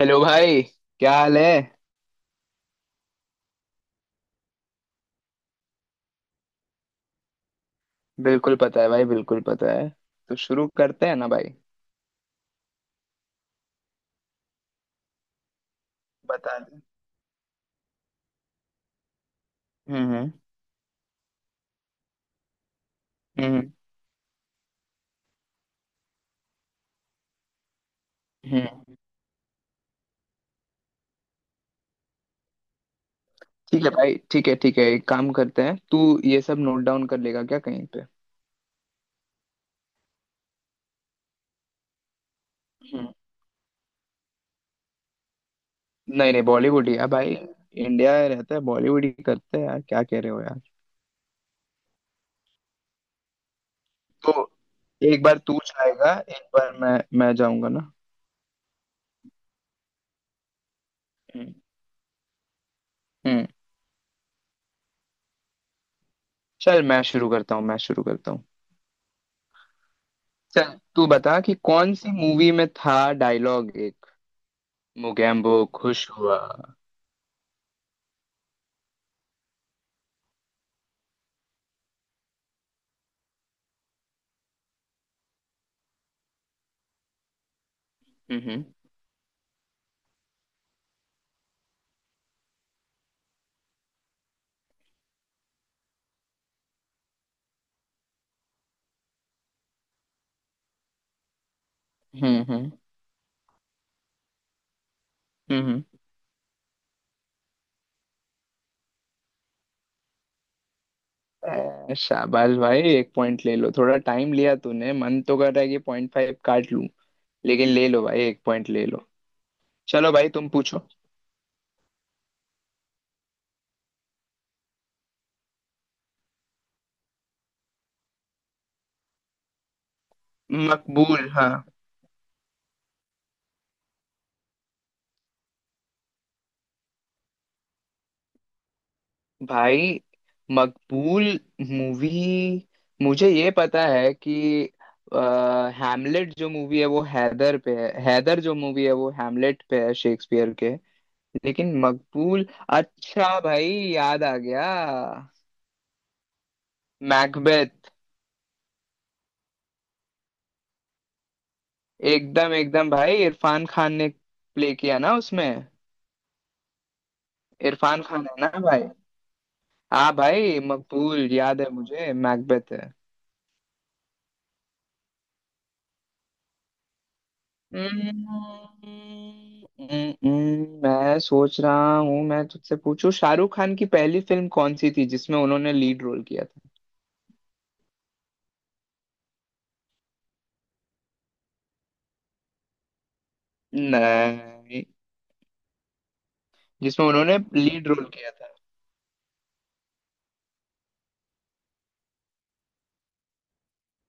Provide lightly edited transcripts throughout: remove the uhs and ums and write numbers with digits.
Hello भाई। क्या हाल है? बिल्कुल पता है भाई, बिल्कुल पता है। तो शुरू करते हैं ना भाई। बता दे। हम्म। हम्म। हम्म। हम्म। ठीक है भाई, ठीक है, ठीक है। एक काम करते हैं, तू ये सब नोट डाउन कर लेगा क्या कहीं पे? हम्म। नहीं नहीं, बॉलीवुड ही है भाई। इंडिया रहता है, बॉलीवुड ही करते हैं यार। क्या कह रहे हो यार? तो एक बार तू जाएगा, एक बार मैं जाऊंगा ना। हम्म। हम्म। चल मैं शुरू करता हूँ, मैं शुरू करता हूँ। चल तू बता कि कौन सी मूवी में था डायलॉग एक — मुगैम्बो खुश हुआ। हम्म। हम्म। हम्म। हम्म। ए, शाबाश भाई! एक पॉइंट ले लो। थोड़ा टाइम लिया तूने, मन तो कर रहा है कि 0.5 काट लूं, लेकिन ले लो भाई, एक पॉइंट ले लो। चलो भाई, तुम पूछो। मकबूल, हाँ। भाई मकबूल मूवी, मुझे ये पता है कि हैमलेट जो मूवी है वो हैदर पे है, हैदर जो मूवी है वो हैमलेट पे है शेक्सपियर के। लेकिन मकबूल… अच्छा भाई, याद आ गया। मैकबेथ। एकदम, एकदम भाई, इरफान खान ने प्ले किया ना उसमें। इरफान खान है ना भाई? हाँ भाई, मकबूल याद है मुझे, मैकबेथ है। हम्म, मैं सोच रहा हूँ मैं तुझसे पूछूं, शाहरुख खान की पहली फिल्म कौन सी थी जिसमें उन्होंने लीड रोल किया था? नहीं, जिसमें उन्होंने लीड रोल किया था।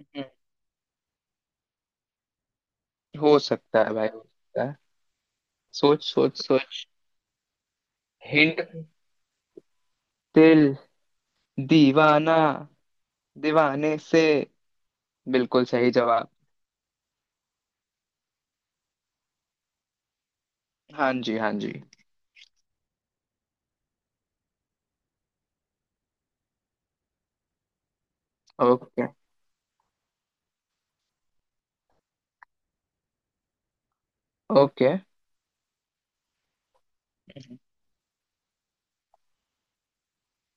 हम्म, हो सकता है भाई, हो सकता है। सोच सोच सोच। हिंट। दिल। दीवाना। दीवाने से। बिल्कुल सही जवाब। हाँ जी, हाँ जी। ओके। ओके।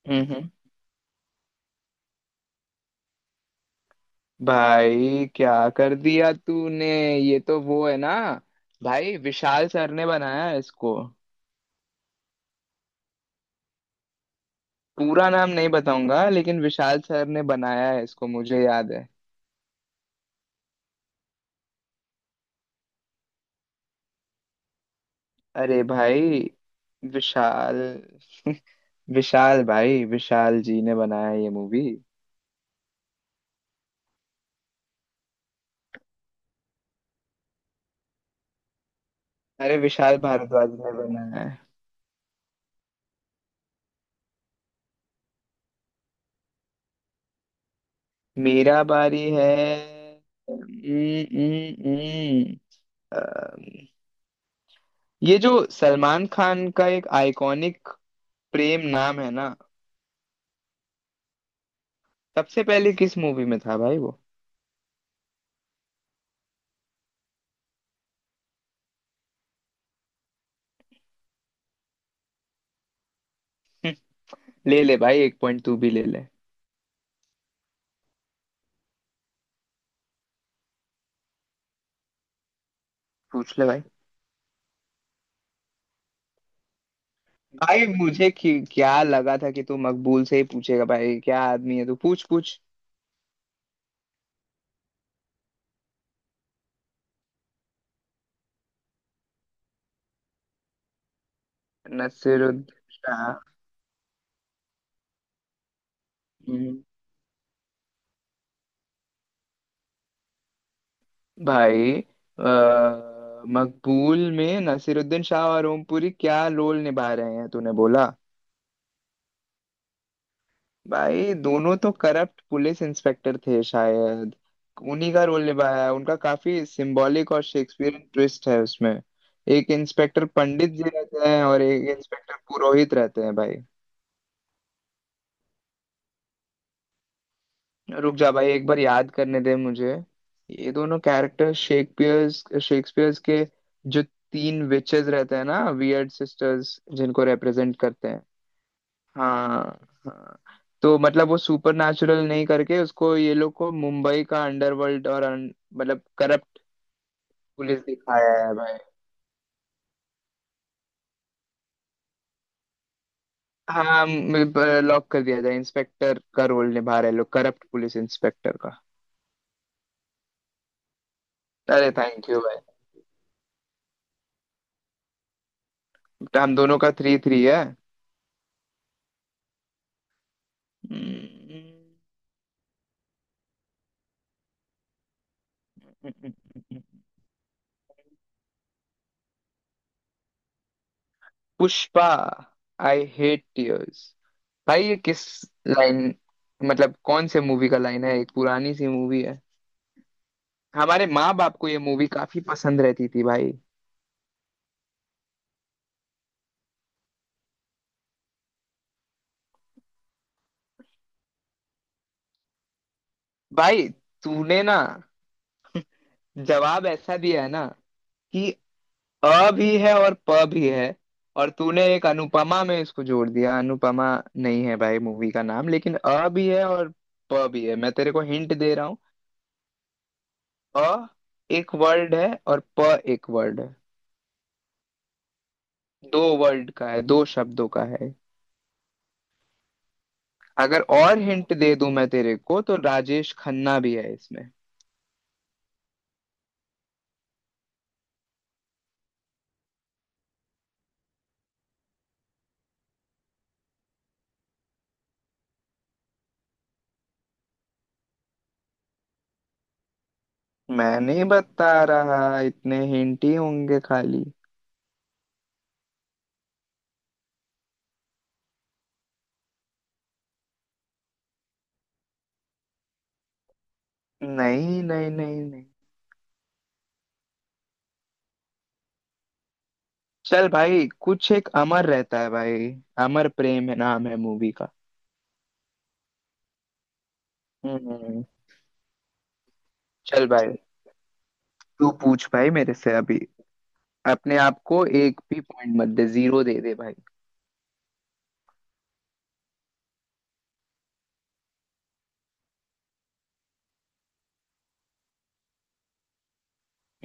हम्म हम्म भाई क्या कर दिया तूने! ये तो वो है ना, भाई विशाल सर ने बनाया है इसको। पूरा नाम नहीं बताऊंगा, लेकिन विशाल सर ने बनाया है इसको, मुझे याद है। अरे भाई, विशाल विशाल भाई, विशाल जी ने बनाया है ये मूवी। अरे विशाल भारद्वाज ने बनाया है। मेरा बारी है। हम्म, हम्म, हम्म। अम्म, ये जो सलमान खान का एक आइकॉनिक प्रेम नाम है ना, सबसे पहले किस मूवी में था भाई वो? ले ले भाई, एक पॉइंट तू भी ले ले। पूछ ले भाई। भाई मुझे क्या लगा था कि तू मकबूल से ही पूछेगा, भाई क्या आदमी है तू! पूछ पूछ। नसीरुद्दीन शाह? हम्म, भाई अ, मकबूल में नसीरुद्दीन शाह और ओम पुरी क्या रोल निभा रहे हैं तूने बोला? भाई दोनों तो करप्ट पुलिस इंस्पेक्टर थे शायद। उन्हीं का रोल निभाया है, उनका काफी सिंबॉलिक और शेक्सपियरियन ट्विस्ट है उसमें। एक इंस्पेक्टर पंडित जी रहते हैं और एक इंस्पेक्टर पुरोहित रहते हैं भाई। रुक जा भाई, एक बार याद करने दे मुझे। ये दोनों कैरेक्टर शेक्सपियर्स के जो तीन विचेस रहते हैं ना, वियर्ड सिस्टर्स, जिनको रिप्रेजेंट करते हैं। हाँ। हाँ। तो मतलब वो सुपर नेचुरल नहीं करके उसको ये लोग को मुंबई का अंडरवर्ल्ड और मतलब करप्ट पुलिस दिखाया है भाई। हाँ, लॉक कर दिया जाए। इंस्पेक्टर का रोल निभा रहे लोग, करप्ट पुलिस इंस्पेक्टर का। अरे थैंक यू भाई! हम दोनों का 3-3 है। हम्म, पुष्पा, आई हेट टीयर्स। भाई ये किस लाइन, मतलब कौन से मूवी का लाइन है? एक पुरानी सी मूवी है, हमारे माँ बाप को ये मूवी काफी पसंद रहती थी भाई। भाई तूने ना जवाब ऐसा दिया है ना कि अ भी है और प भी है, और तूने एक अनुपमा में इसको जोड़ दिया। अनुपमा नहीं है भाई मूवी का नाम, लेकिन अ भी है और प भी है। मैं तेरे को हिंट दे रहा हूँ — अ एक वर्ड है और प एक वर्ड है। दो वर्ड का है, दो शब्दों का है। अगर और हिंट दे दूं मैं तेरे को, तो राजेश खन्ना भी है इसमें। मैं नहीं बता रहा, इतने हिंट ही होंगे खाली। नहीं नहीं, नहीं नहीं। चल भाई, कुछ एक अमर रहता है भाई। अमर प्रेम है, नाम है मूवी का। हम्म। चल भाई, तू पूछ भाई मेरे से अभी। अपने आप को एक भी पॉइंट मत दे, जीरो दे दे भाई।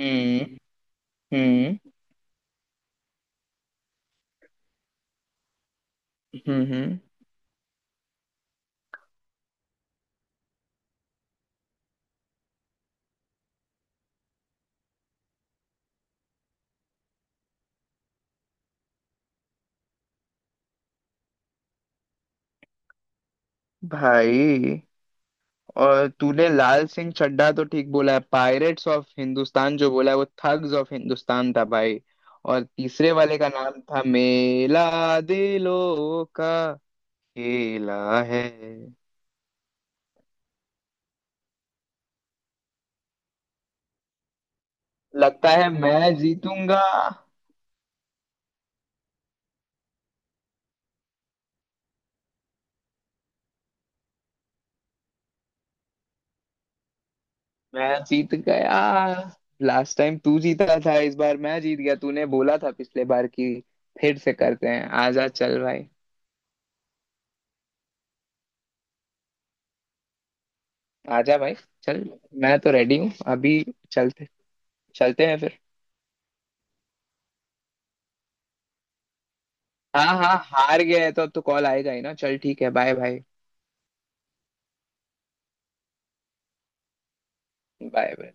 हम्म। हम्म। हम्म। हम्म। भाई, और तूने लाल सिंह चड्ढा तो ठीक बोला है, पायरेट्स ऑफ हिंदुस्तान जो बोला है वो थग्स ऑफ हिंदुस्तान था भाई। और तीसरे वाले का नाम था मेला दिलों का खेला है। लगता है मैं जीतूंगा। मैं जीत गया! लास्ट टाइम तू जीता था, इस बार मैं जीत गया। तूने बोला था पिछले बार की फिर से करते हैं, आजा चल भाई। आजा भाई, चल। मैं तो रेडी हूँ अभी। चलते चलते हैं फिर। हाँ हाँ, हार गया है तो अब तो कॉल आएगा ही ना। चल ठीक है, बाय बाय। Bye bye.